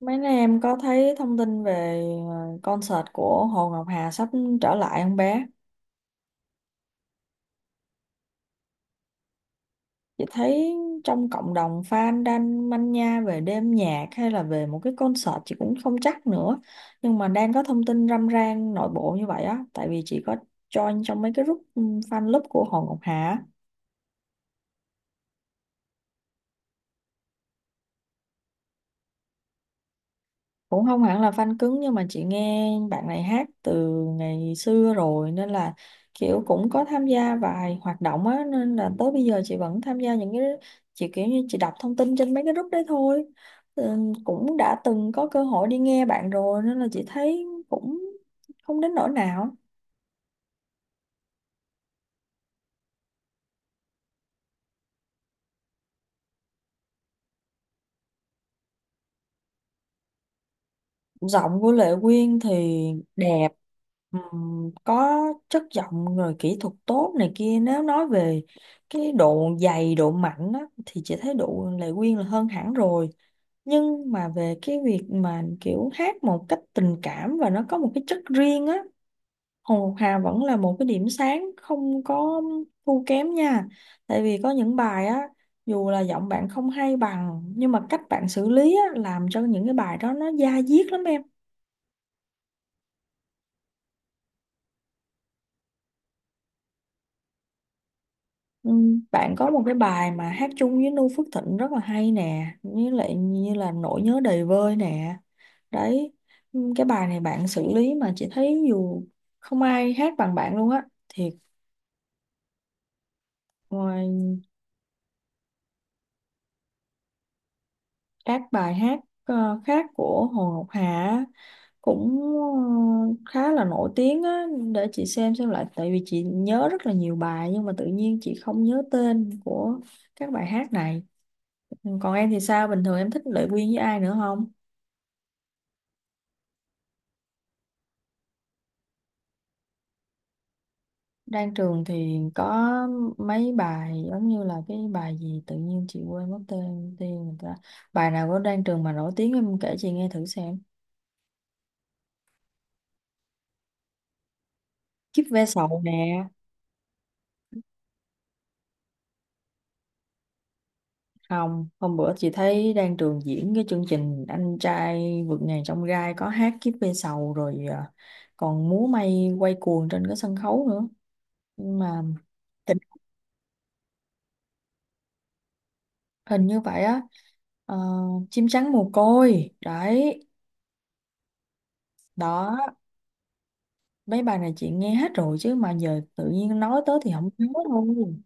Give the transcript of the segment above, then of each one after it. Mấy nay em có thấy thông tin về concert của Hồ Ngọc Hà sắp trở lại không bé? Chị thấy trong cộng đồng fan đang manh nha về đêm nhạc hay là về một cái concert chị cũng không chắc nữa. Nhưng mà đang có thông tin râm ran nội bộ như vậy á. Tại vì chị có join trong mấy cái group fan club của Hồ Ngọc Hà á. Cũng không hẳn là fan cứng nhưng mà chị nghe bạn này hát từ ngày xưa rồi nên là kiểu cũng có tham gia vài hoạt động á, nên là tới bây giờ chị vẫn tham gia những cái, chị kiểu như chị đọc thông tin trên mấy cái group đấy thôi. ừ, Cũng đã từng có cơ hội đi nghe bạn rồi nên là chị thấy cũng không đến nỗi nào. Giọng của Lệ Quyên thì đẹp, có chất giọng rồi kỹ thuật tốt này kia, nếu nói về cái độ dày độ mạnh á, thì chị thấy độ Lệ Quyên là hơn hẳn rồi. Nhưng mà về cái việc mà kiểu hát một cách tình cảm và nó có một cái chất riêng á, Hồ Ngọc Hà vẫn là một cái điểm sáng không có thua kém nha. Tại vì có những bài á, dù là giọng bạn không hay bằng nhưng mà cách bạn xử lý á, làm cho những cái bài đó nó da diết lắm em. Ừ, bạn có một cái bài mà hát chung với Noo Phước Thịnh rất là hay nè, với lại như là nỗi nhớ đầy vơi nè. Đấy, cái bài này bạn xử lý mà chị thấy dù không ai hát bằng bạn luôn á. Thiệt, ngoài các bài hát khác của Hồ Ngọc Hà á, cũng khá là nổi tiếng á, để chị xem lại tại vì chị nhớ rất là nhiều bài nhưng mà tự nhiên chị không nhớ tên của các bài hát này. Ừ, còn em thì sao? Bình thường em thích Lệ Quyên với ai nữa không? Đang trường thì có mấy bài giống như là cái bài gì tự nhiên chị quên mất tên tên người ta. Bài nào của Đan Trường mà nổi tiếng em kể chị nghe thử xem. Kiếp ve sầu nè. Không, hôm bữa chị thấy Đan Trường diễn cái chương trình Anh trai vượt ngàn chông gai có hát Kiếp ve sầu rồi à, còn múa may quay cuồng trên cái sân khấu nữa. Nhưng mà tình hình như vậy á. Ờ, chim trắng mồ côi. Đấy, đó. Mấy bài này chị nghe hết rồi chứ mà giờ tự nhiên nói tới thì không nhớ luôn.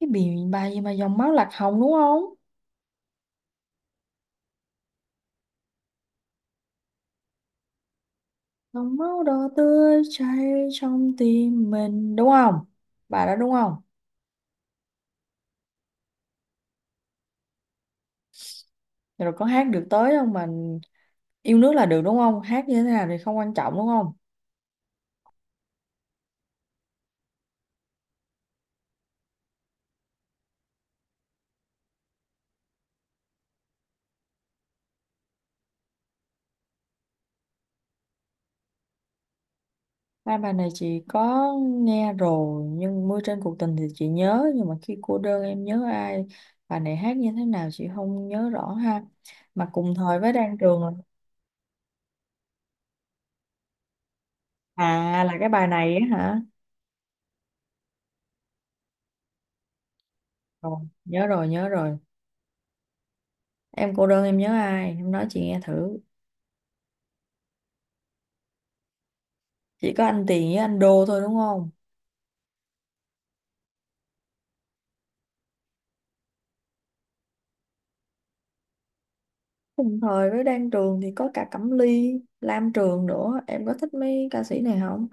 Cái bài bài gì mà dòng máu lạc hồng đúng không? Dòng máu đỏ tươi chảy trong tim mình đúng không? Bài đó đúng không? Rồi có hát được tới không mà, yêu nước là được đúng không? Hát như thế nào thì không quan trọng đúng không? Hai bài này chị có nghe rồi, nhưng mưa trên cuộc tình thì chị nhớ nhưng mà khi cô đơn em nhớ ai, bài này hát như thế nào chị không nhớ rõ ha. Mà cùng thời với Đan Trường. À, là cái bài này á hả? Rồi, nhớ rồi, nhớ rồi. Em cô đơn em nhớ ai? Em nói chị nghe thử. Chỉ có anh Tiền với anh Đô thôi đúng không? Cùng thời với Đan Trường thì có cả Cẩm Ly, Lam Trường nữa. Em có thích mấy ca sĩ này không?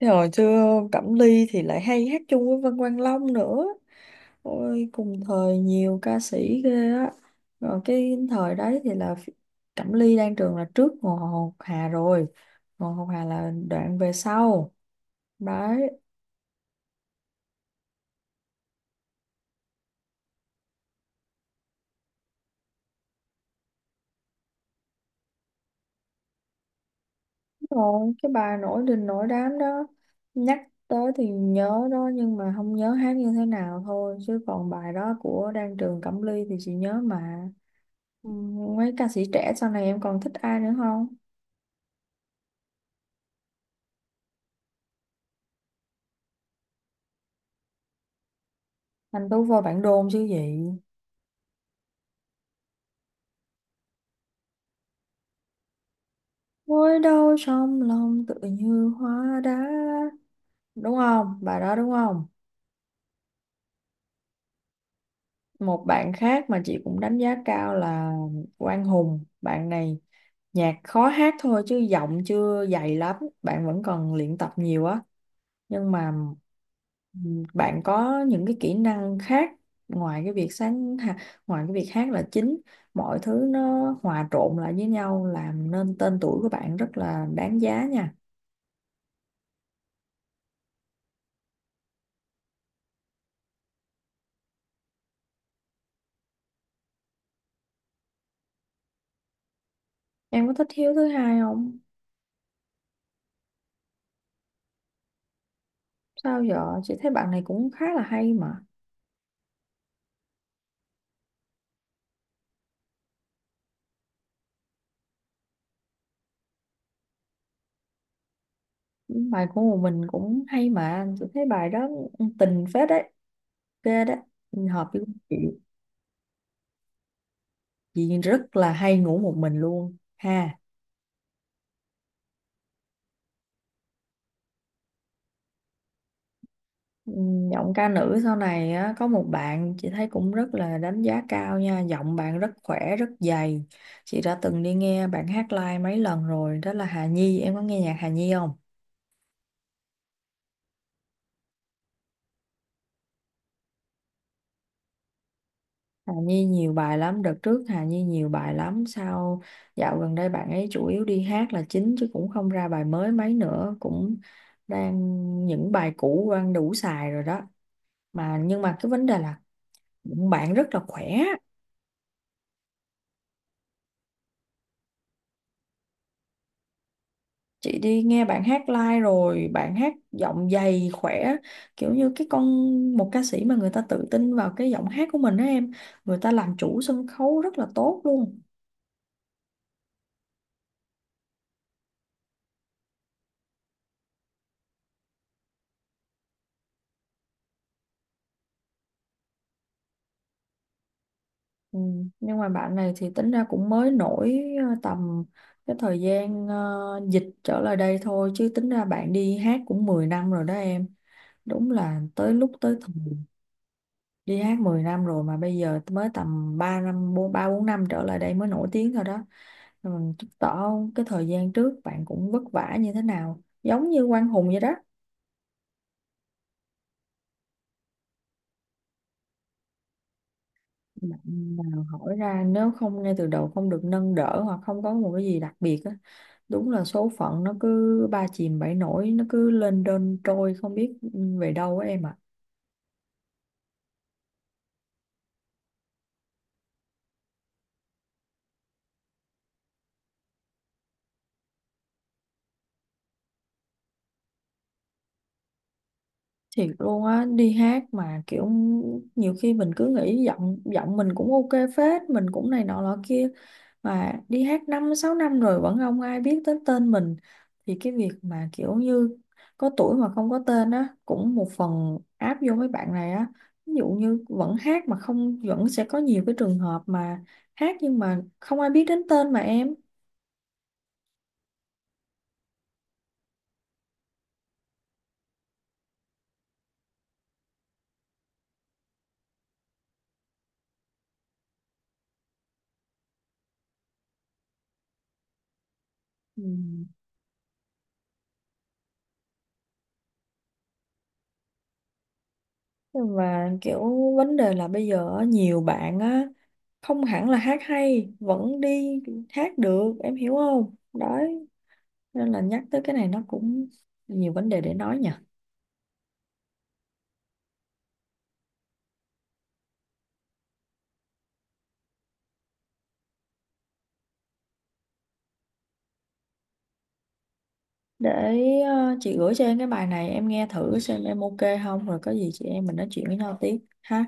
Thế hồi xưa Cẩm Ly thì lại hay hát chung với Văn Quang Long nữa. Ôi, cùng thời nhiều ca sĩ ghê á. Rồi cái thời đấy thì là Cẩm Ly, Đan Trường là trước Hồ Ngọc Hà rồi. Hồ Ngọc Hà là đoạn về sau. Đấy. Rồi, cái bà nổi đình nổi đám đó, nhắc tới thì nhớ đó nhưng mà không nhớ hát như thế nào thôi, chứ còn bài đó của Đan Trường Cẩm Ly thì chị nhớ mà. Ừ, mấy ca sĩ trẻ sau này em còn thích ai nữa không? Anh Tú vô bản đôn chứ gì. Ngồi đâu trong lòng tự như hóa đá, đúng không, bài đó đúng không? Một bạn khác mà chị cũng đánh giá cao là Quang Hùng, bạn này nhạc khó hát thôi chứ giọng chưa dày lắm, bạn vẫn còn luyện tập nhiều á. Nhưng mà bạn có những cái kỹ năng khác, ngoài cái việc ngoài cái việc hát là chính, mọi thứ nó hòa trộn lại với nhau làm nên tên tuổi của bạn rất là đáng giá nha. Em có thích Hiếu thứ hai không? Sao giờ chị thấy bạn này cũng khá là hay mà. Bài của một mình cũng hay mà tôi thấy, bài đó tình phết đấy, ghê đấy, hợp với chị. Chị rất là hay ngủ một mình luôn ha. Giọng ca nữ sau này á, có một bạn chị thấy cũng rất là đánh giá cao nha, giọng bạn rất khỏe rất dày, chị đã từng đi nghe bạn hát live mấy lần rồi, đó là Hà Nhi. Em có nghe nhạc Hà Nhi không? Hà Nhi nhiều bài lắm, đợt trước Hà Nhi nhiều bài lắm, sao dạo gần đây bạn ấy chủ yếu đi hát là chính chứ cũng không ra bài mới mấy nữa, cũng đang những bài cũ đang đủ xài rồi đó. Mà nhưng mà cái vấn đề là bạn rất là khỏe. Chị đi nghe bạn hát live rồi, bạn hát giọng dày khỏe, kiểu như cái con, một ca sĩ mà người ta tự tin vào cái giọng hát của mình đó em, người ta làm chủ sân khấu rất là tốt luôn. Ừ. Nhưng mà bạn này thì tính ra cũng mới nổi tầm cái thời gian dịch trở lại đây thôi, chứ tính ra bạn đi hát cũng 10 năm rồi đó em. Đúng là tới lúc tới thời, đi hát 10 năm rồi mà bây giờ mới tầm 3 năm 4, 3 4 năm trở lại đây mới nổi tiếng thôi đó. Rồi mình chứng tỏ cái thời gian trước bạn cũng vất vả như thế nào, giống như Quang Hùng vậy đó. Bạn nào hỏi ra nếu không ngay từ đầu không được nâng đỡ hoặc không có một cái gì đặc biệt á, đúng là số phận nó cứ ba chìm bảy nổi, nó cứ lên đơn trôi không biết về đâu á em ạ. Thiệt luôn á, đi hát mà kiểu nhiều khi mình cứ nghĩ giọng giọng mình cũng ok phết, mình cũng này nọ lọ kia, mà đi hát 5, 6 năm rồi vẫn không ai biết tới tên mình, thì cái việc mà kiểu như có tuổi mà không có tên á, cũng một phần áp vô mấy bạn này á. Ví dụ như vẫn hát mà không, vẫn sẽ có nhiều cái trường hợp mà hát nhưng mà không ai biết đến tên mà em. Ừ. Và kiểu vấn đề là bây giờ á, nhiều bạn á không hẳn là hát hay vẫn đi hát được, em hiểu không? Đấy, nên là nhắc tới cái này nó cũng nhiều vấn đề để nói nha. Để chị gửi cho em cái bài này em nghe thử xem em ok không, rồi có gì chị em mình nói chuyện với nhau tiếp ha.